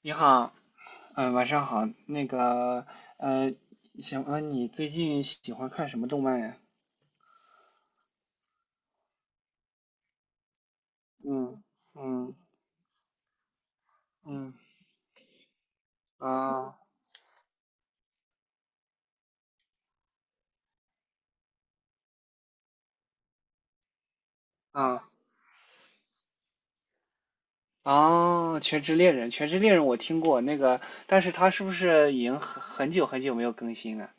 你好，晚上好。呃，行，问你最近喜欢看什么动漫呀？嗯嗯嗯，啊啊哦，《全职猎人》，我听过那个，但是它是不是已经很久很久没有更新了？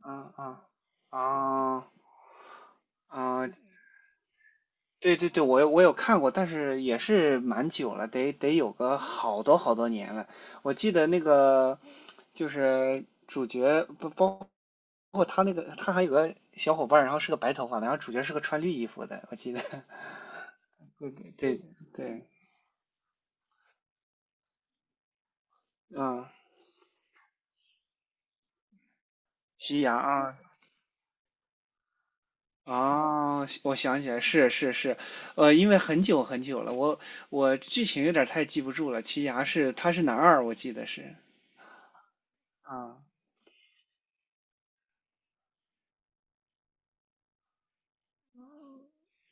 啊啊啊啊！对对对，我有看过，但是也是蛮久了，得有个好多好多年了。我记得就是主角不包。不过他还有个小伙伴，然后是个白头发的，然后主角是个穿绿衣服的，我记得。对对，嗯，西牙啊。哦，我想起来，是是是，因为很久很久了，我我剧情有点太记不住了。奇牙是他是男二，我记得是。啊，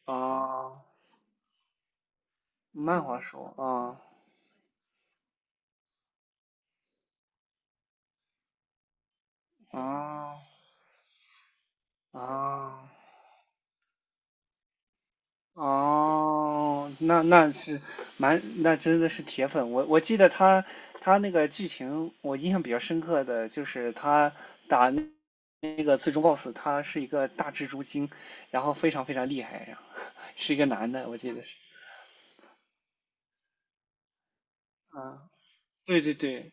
哦，漫画书，啊啊。哦哦，那那是蛮，那真的是铁粉。我我记得他那个剧情，我印象比较深刻的就是他打那个最终 BOSS,他是一个大蜘蛛精，然后非常非常厉害，然后是一个男的，我记得是。啊，对对对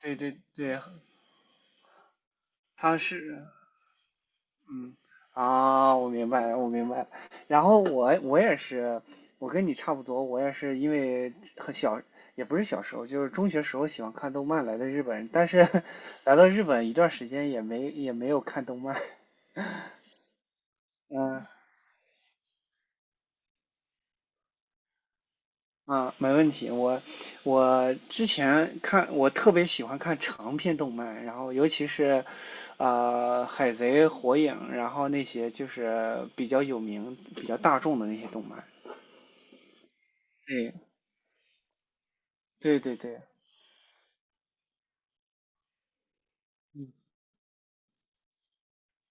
对对对，他是嗯，啊，我明白了，我明白了。然后我我也是，我跟你差不多，我也是因为很小，也不是小时候，就是中学时候喜欢看动漫来的日本，但是 来到日本一段时间也没有看动漫。嗯没问题。我我之前看，我特别喜欢看长篇动漫，然后尤其是海贼、火影，然后那些就是比较有名、比较大众的那些动漫。对对对对。嗯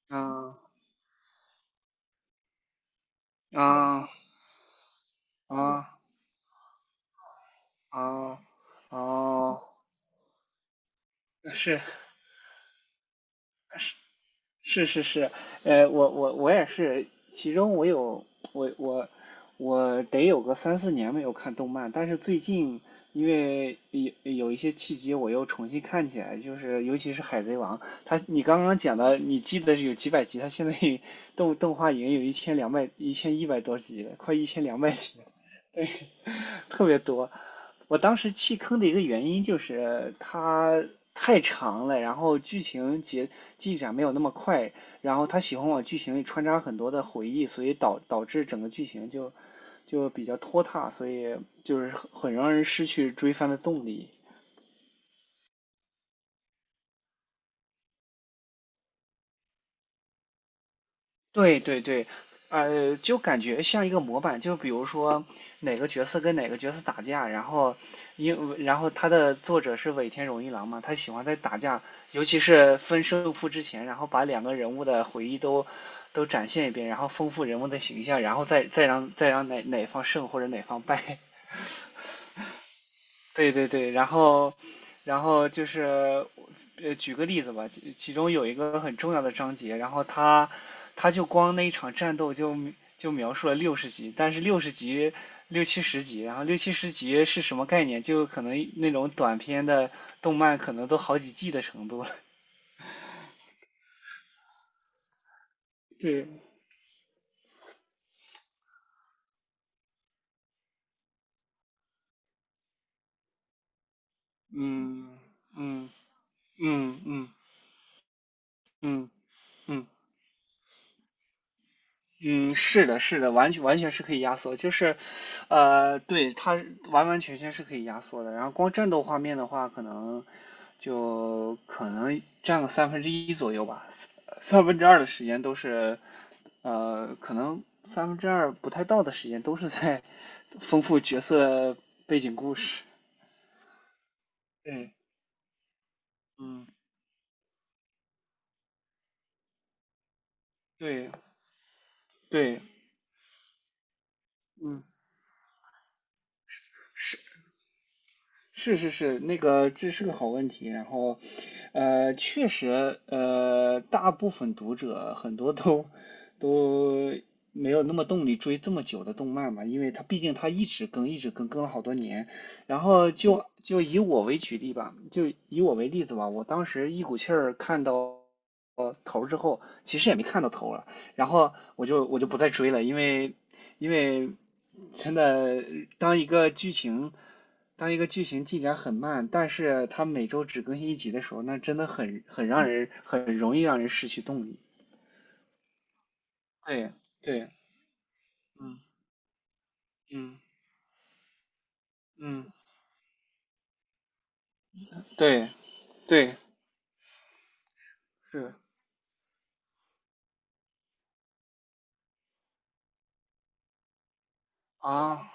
啊啊啊啊哦，是是是是是，我我我也是，其中我我我得有个三四年没有看动漫，但是最近因为有一些契机，我又重新看起来，就是尤其是《海贼王》，你刚刚讲的，你记得是有几百集，它现在 动画已经有一千一百多集了，快一千两百集了。特别多。我当时弃坑的一个原因就是它太长了，然后剧情节进展没有那么快，然后他喜欢往剧情里穿插很多的回忆，所以导致整个剧情就比较拖沓，所以就是很让人失去追番的动力。对对对，就感觉像一个模板，就比如说哪个角色跟哪个角色打架，然后然后他的作者是尾田荣一郎嘛，他喜欢在打架，尤其是分胜负之前，然后把两个人物的回忆都展现一遍，然后丰富人物的形象，然后再让哪方胜或者哪方败。对对对，然后，然后就是，举个例子吧，其中有一个很重要的章节，然后他就光那一场战斗就描述了六十集，但是六七十集，然后六七十集是什么概念？就可能那种短片的动漫可能都好几季的程度了。对，嗯嗯嗯嗯嗯嗯嗯。嗯嗯，是的，是的，完全是可以压缩，就是，对，它完完全全是可以压缩的。然后光战斗画面的话，就可能占个三分之一左右吧，三分之二的时间都是，可能三分之二不太到的时间都是在丰富角色背景故事。对，嗯，对，对，嗯。是。是是是，那个这是个好问题。然后，确实，大部分读者很多都没有那么动力追这么久的动漫嘛，因为它毕竟它一直更，一直更，更了好多年。然后就以我为举例吧，就以我为例子吧，我当时一股气儿看到头之后，其实也没看到头了，然后我就不再追了，因为因为真的当一个剧情当一个剧情进展很慢，但是它每周只更新一集的时候，那真的很让人很容易让人失去动力。对对，嗯嗯嗯，对对是啊。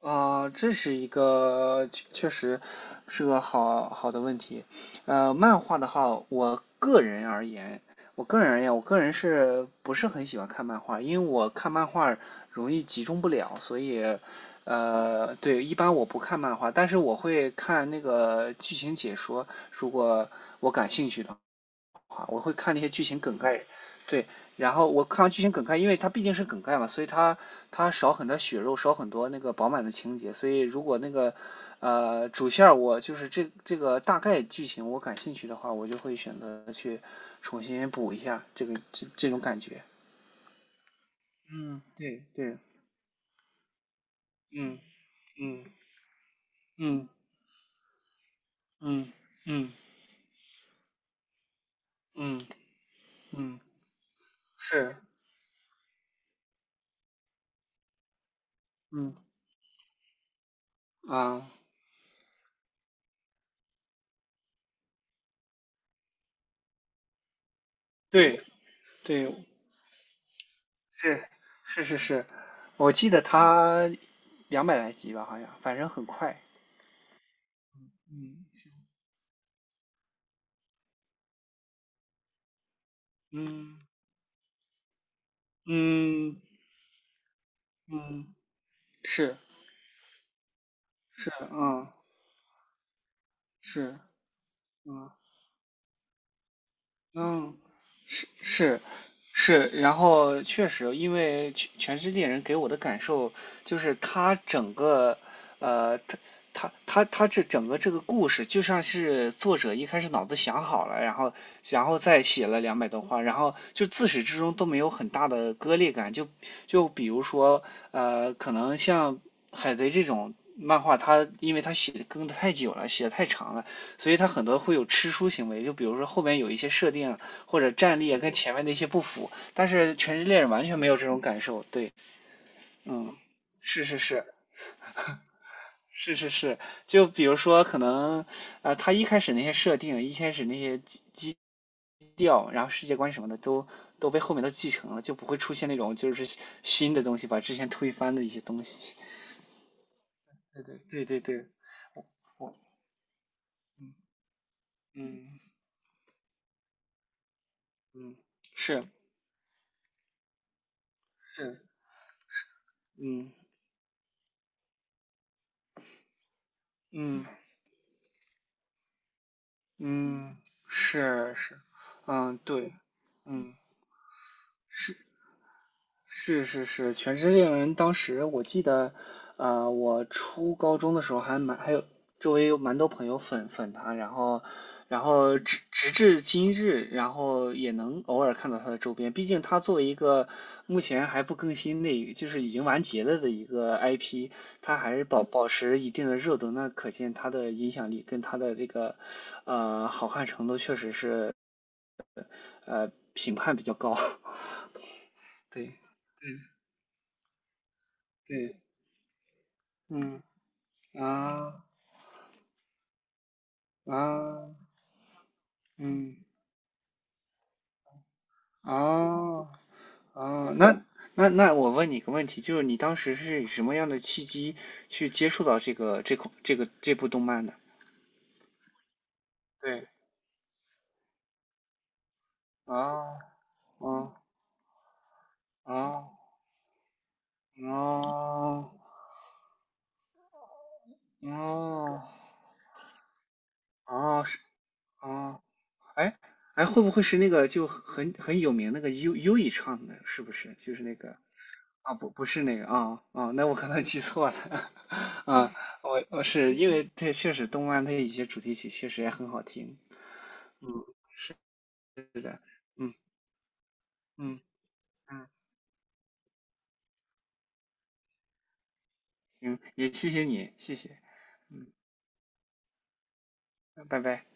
啊，这是一个确确实是个好的问题。呃，漫画的话，我个人而言，我个人是不是很喜欢看漫画？因为我看漫画容易集中不了，所以，对，一般我不看漫画，但是我会看那个剧情解说，如果我感兴趣的。啊，我会看那些剧情梗概，对，然后我看完剧情梗概，因为它毕竟是梗概嘛，所以它它少很多血肉，少很多那个饱满的情节，所以如果那个主线儿，我就是这个大概剧情我感兴趣的话，我就会选择去重新补一下这个这种感觉。嗯，对对，嗯嗯嗯嗯嗯嗯嗯，是，嗯啊，对对，是是是是，我记得他两百来集吧，好像，反正很快。嗯嗯嗯嗯，是是嗯是嗯嗯是。是，然后确实，因为全全世界人给我的感受就是他整个，呃，他他这整个这个故事就像是作者一开始脑子想好了，然后然后再写了两百多话，然后就自始至终都没有很大的割裂感。就比如说，可能像海贼这种漫画，它因为它写的更的太久了，写的太长了，所以它很多会有吃书行为。就比如说后面有一些设定。或者战力啊跟前面的一些不符，但是《全职猎人》完全没有这种感受。对，嗯，是是是是是是，就比如说可能啊，一开始那些设定，一开始那些基调，然后世界观什么的都被后面都继承了，就不会出现那种就是新的东西把之前推翻的一些东西。对对对对对，我嗯嗯嗯是是嗯嗯嗯是是嗯对嗯是是是是，《全职猎人》当时我记得，我初高中的时候还有周围有蛮多朋友粉他，然后然后直至今日，然后也能偶尔看到他的周边。毕竟他作为一个目前还不更新的，就是已经完结了的一个 IP,他还是保持一定的热度，那可见他的影响力跟他的这个好看程度确实是评判比较高。对对对，嗯。啊啊，嗯，哦哦，那那我问你一个问题，就是你当时是以什么样的契机去接触到这个这款这个这部动漫的？对，哦哦哦哦哦哦，是哦，哎哎，会不会是那个就很有名那个优以唱的？是不是？就是那个啊，不是那个那我可能记错了 啊，我我是因为这确实动漫它有些主题曲确实也很好听，嗯，是的，嗯嗯嗯，行，也谢谢你，谢谢，嗯，拜拜。